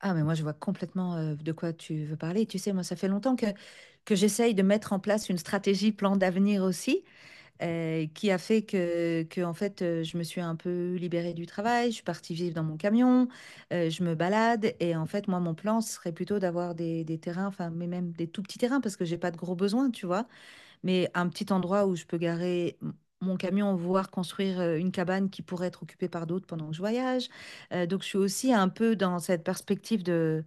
Ah, mais moi, je vois complètement de quoi tu veux parler. Tu sais, moi, ça fait longtemps que j'essaye de mettre en place une stratégie plan d'avenir aussi, qui a fait en fait, je me suis un peu libérée du travail, je suis partie vivre dans mon camion, je me balade. Et en fait, moi, mon plan ce serait plutôt d'avoir des terrains, enfin, mais même des tout petits terrains, parce que j'ai pas de gros besoins, tu vois, mais un petit endroit où je peux mon camion, voire construire une cabane qui pourrait être occupée par d'autres pendant que je voyage. Donc, je suis aussi un peu dans cette perspective de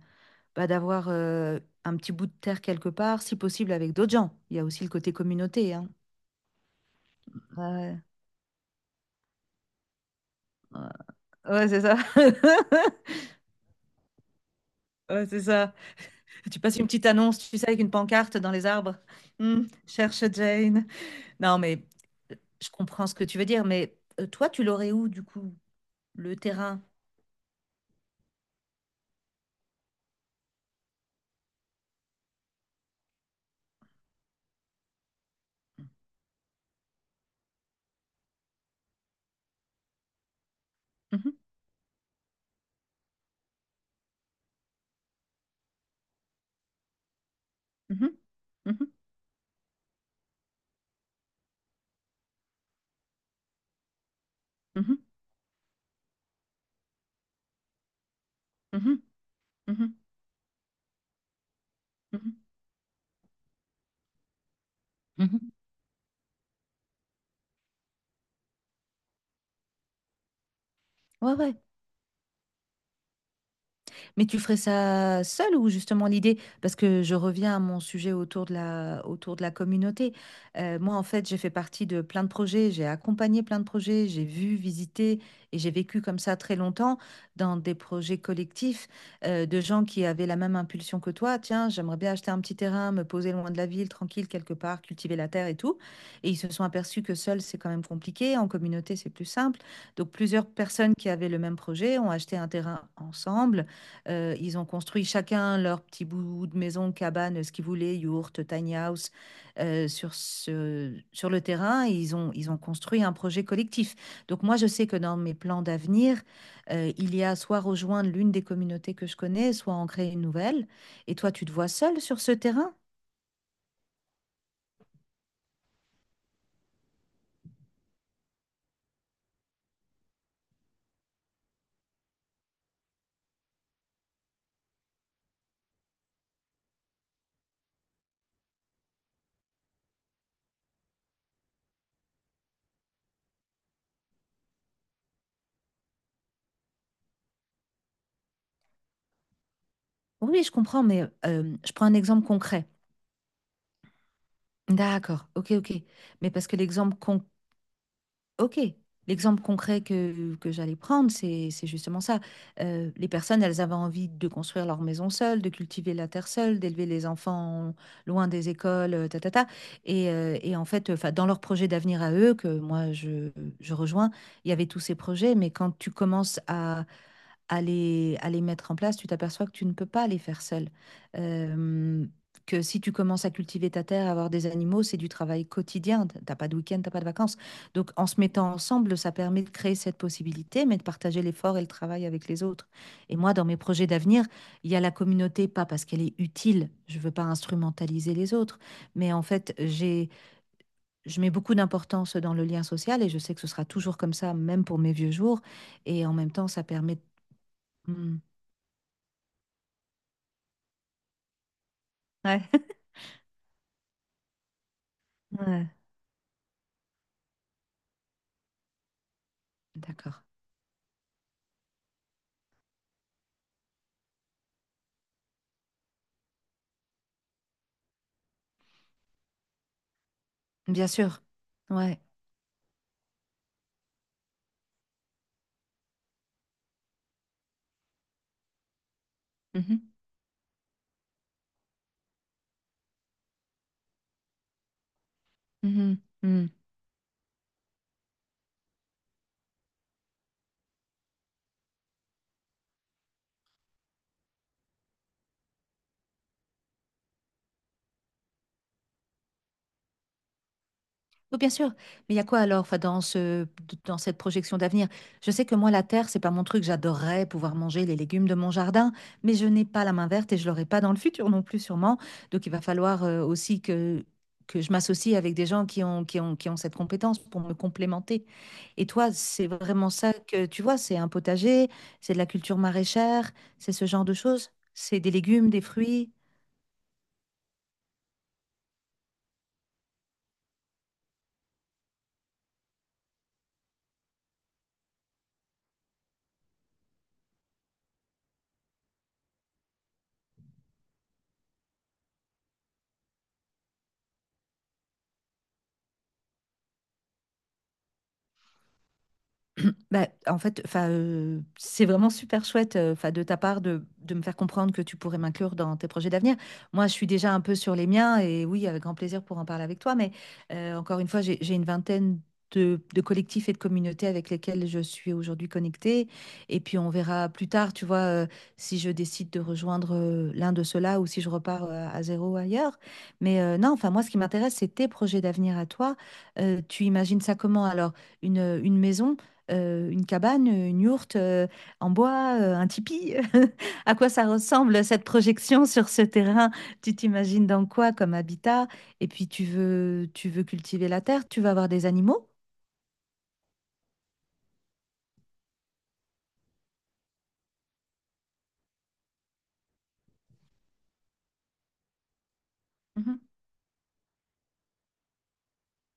bah, d'avoir un petit bout de terre quelque part, si possible avec d'autres gens. Il y a aussi le côté communauté, hein. Ouais, ouais, ouais, c'est ça. Ouais, c'est ça. Tu passes une petite annonce, tu sais, avec une pancarte dans les arbres. Hmm, cherche Jane. Non, mais euh, je comprends ce que tu veux dire, mais toi, tu l'aurais où, du coup, le terrain? Mhm, mhm, mhm, mhm, mhm, mhm, mhm. Ouais, ouais. Mais tu ferais ça seul ou justement l'idée, parce que je reviens à mon sujet autour autour de la communauté. Moi, en fait, j'ai fait partie de plein de projets, j'ai accompagné plein de projets, j'ai vu, visité et j'ai vécu comme ça très longtemps dans des projets collectifs, de gens qui avaient la même impulsion que toi. Tiens, j'aimerais bien acheter un petit terrain, me poser loin de la ville, tranquille quelque part, cultiver la terre et tout. Et ils se sont aperçus que seul, c'est quand même compliqué. En communauté, c'est plus simple. Donc, plusieurs personnes qui avaient le même projet ont acheté un terrain ensemble, ils ont construit chacun leur petit bout de maison, cabane, ce qu'ils voulaient, yourte, tiny house, sur le terrain. Et ils ont construit un projet collectif. Donc moi, je sais que dans mes plans d'avenir, il y a soit rejoindre l'une des communautés que je connais, soit en créer une nouvelle. Et toi, tu te vois seule sur ce terrain? Oui, je comprends, mais je prends un exemple concret. D'accord, ok, ok. Mais parce que l'exemple con. Ok, l'exemple concret que j'allais prendre, c'est justement ça. Les personnes, elles avaient envie de construire leur maison seule, de cultiver la terre seule, d'élever les enfants loin des écoles, ta, ta, ta. Et en fait, enfin, dans leur projet d'avenir à eux, que moi je rejoins, il y avait tous ces projets, mais quand tu commences à les mettre en place, tu t'aperçois que tu ne peux pas les faire seul. Euh, que si tu commences à cultiver ta terre, à avoir des animaux, c'est du travail quotidien. T'as pas de week-end, t'as pas de vacances. Donc, en se mettant ensemble, ça permet de créer cette possibilité, mais de partager l'effort et le travail avec les autres. Et moi, dans mes projets d'avenir, il y a la communauté, pas parce qu'elle est utile, je ne veux pas instrumentaliser les autres, mais en fait, je mets beaucoup d'importance dans le lien social et je sais que ce sera toujours comme ça, même pour mes vieux jours. Et en même temps, ça permet... de ouais. Ouais. D'accord. Bien sûr. Ouais. Mhm. Mhm. Mhm. Oui, bien sûr. Mais il y a quoi alors, enfin, dans dans cette projection d'avenir? Je sais que moi, la terre, c'est pas mon truc. J'adorerais pouvoir manger les légumes de mon jardin, mais je n'ai pas la main verte et je l'aurai pas dans le futur non plus, sûrement. Donc, il va falloir aussi que je m'associe avec des gens qui ont cette compétence pour me complémenter. Et toi, c'est vraiment ça que tu vois, c'est un potager, c'est de la culture maraîchère, c'est ce genre de choses, c'est des légumes, des fruits. Bah, en fait, enfin, c'est vraiment super chouette, enfin, de ta part de me faire comprendre que tu pourrais m'inclure dans tes projets d'avenir. Moi, je suis déjà un peu sur les miens et oui, avec grand plaisir pour en parler avec toi. Mais encore une fois, j'ai une vingtaine de collectifs et de communautés avec lesquels je suis aujourd'hui connectée. Et puis, on verra plus tard, tu vois, si je décide de rejoindre l'un de ceux-là ou si je repars à zéro ailleurs. Mais non, enfin, moi, ce qui m'intéresse, c'est tes projets d'avenir à toi. Tu imagines ça comment? Alors, une maison? Une cabane, une yourte, en bois, un tipi. À quoi ça ressemble cette projection sur ce terrain? Tu t'imagines dans quoi comme habitat? Et puis tu veux cultiver la terre, tu vas avoir des animaux? Mhm,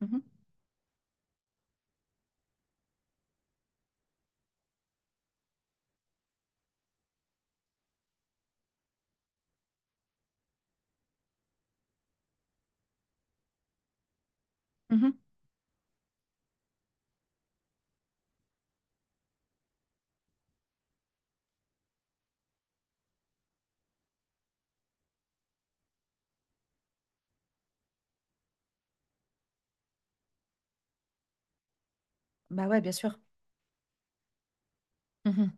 mhm, mhm. Bah ouais, bien sûr. Mhm,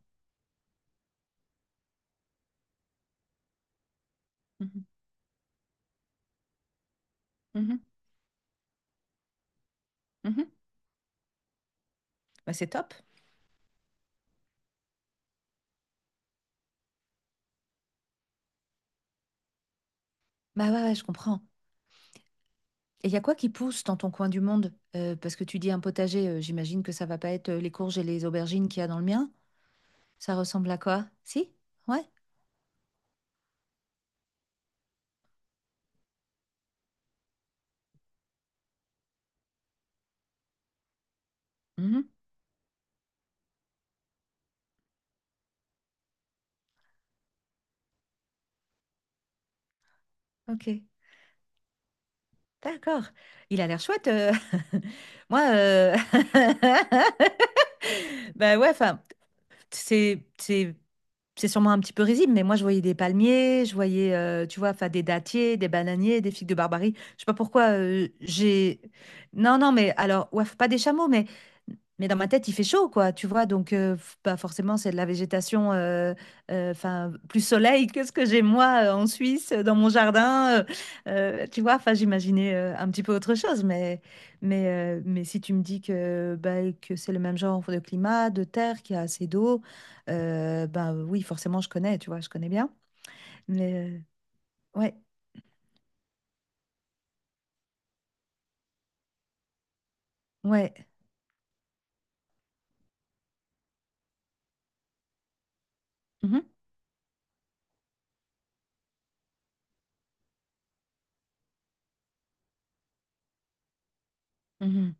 mhm, mhm, mhm. Bah c'est top. Bah ouais, ouais, je comprends. Et il y a quoi qui pousse dans ton coin du monde? Parce que tu dis un potager, j'imagine que ça va pas être les courges et les aubergines qu'il y a dans le mien. Ça ressemble à quoi? Si? Ouais? Mhm. Ok. D'accord. Il a l'air chouette. Moi, bah ouais, enfin, c'est, c'est sûrement un petit peu risible, mais moi, je voyais des palmiers, je voyais, tu vois? Enfin, des dattiers, des bananiers, des figues de Barbarie. Je sais pas pourquoi, j'ai non, non, mais alors, ouais, pas des chameaux, mais dans ma tête, il fait chaud, quoi, tu vois? Donc, f bah, forcément, c'est de la végétation, enfin, plus soleil que ce que j'ai, moi, en Suisse, dans mon jardin, tu vois? Enfin, j'imaginais, un petit peu autre chose, mais mais si tu me dis que, bah, que c'est le même genre de climat, de terre, qu'il y a assez d'eau, bah oui, forcément, je connais, tu vois, je connais bien. Mais ouais, ouais. Mhm, mhm.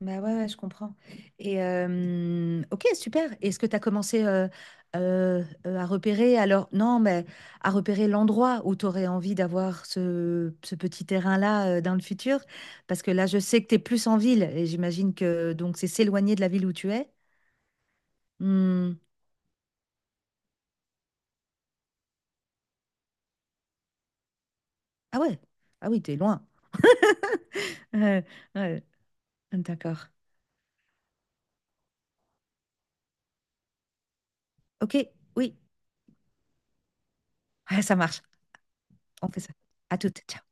Bah ouais, ouais, je comprends. Et ok, super. Est-ce que tu as commencé à repérer, alors non, mais à repérer l'endroit où tu aurais envie d'avoir ce petit terrain-là dans le futur? Parce que là, je sais que tu es plus en ville et j'imagine que donc c'est s'éloigner de la ville où tu es. Hmm. Ah ouais, ah oui, t'es loin. Euh, ouais, d'accord. Ok, oui. Ouais, ça marche. On fait ça. À toutes. Ciao.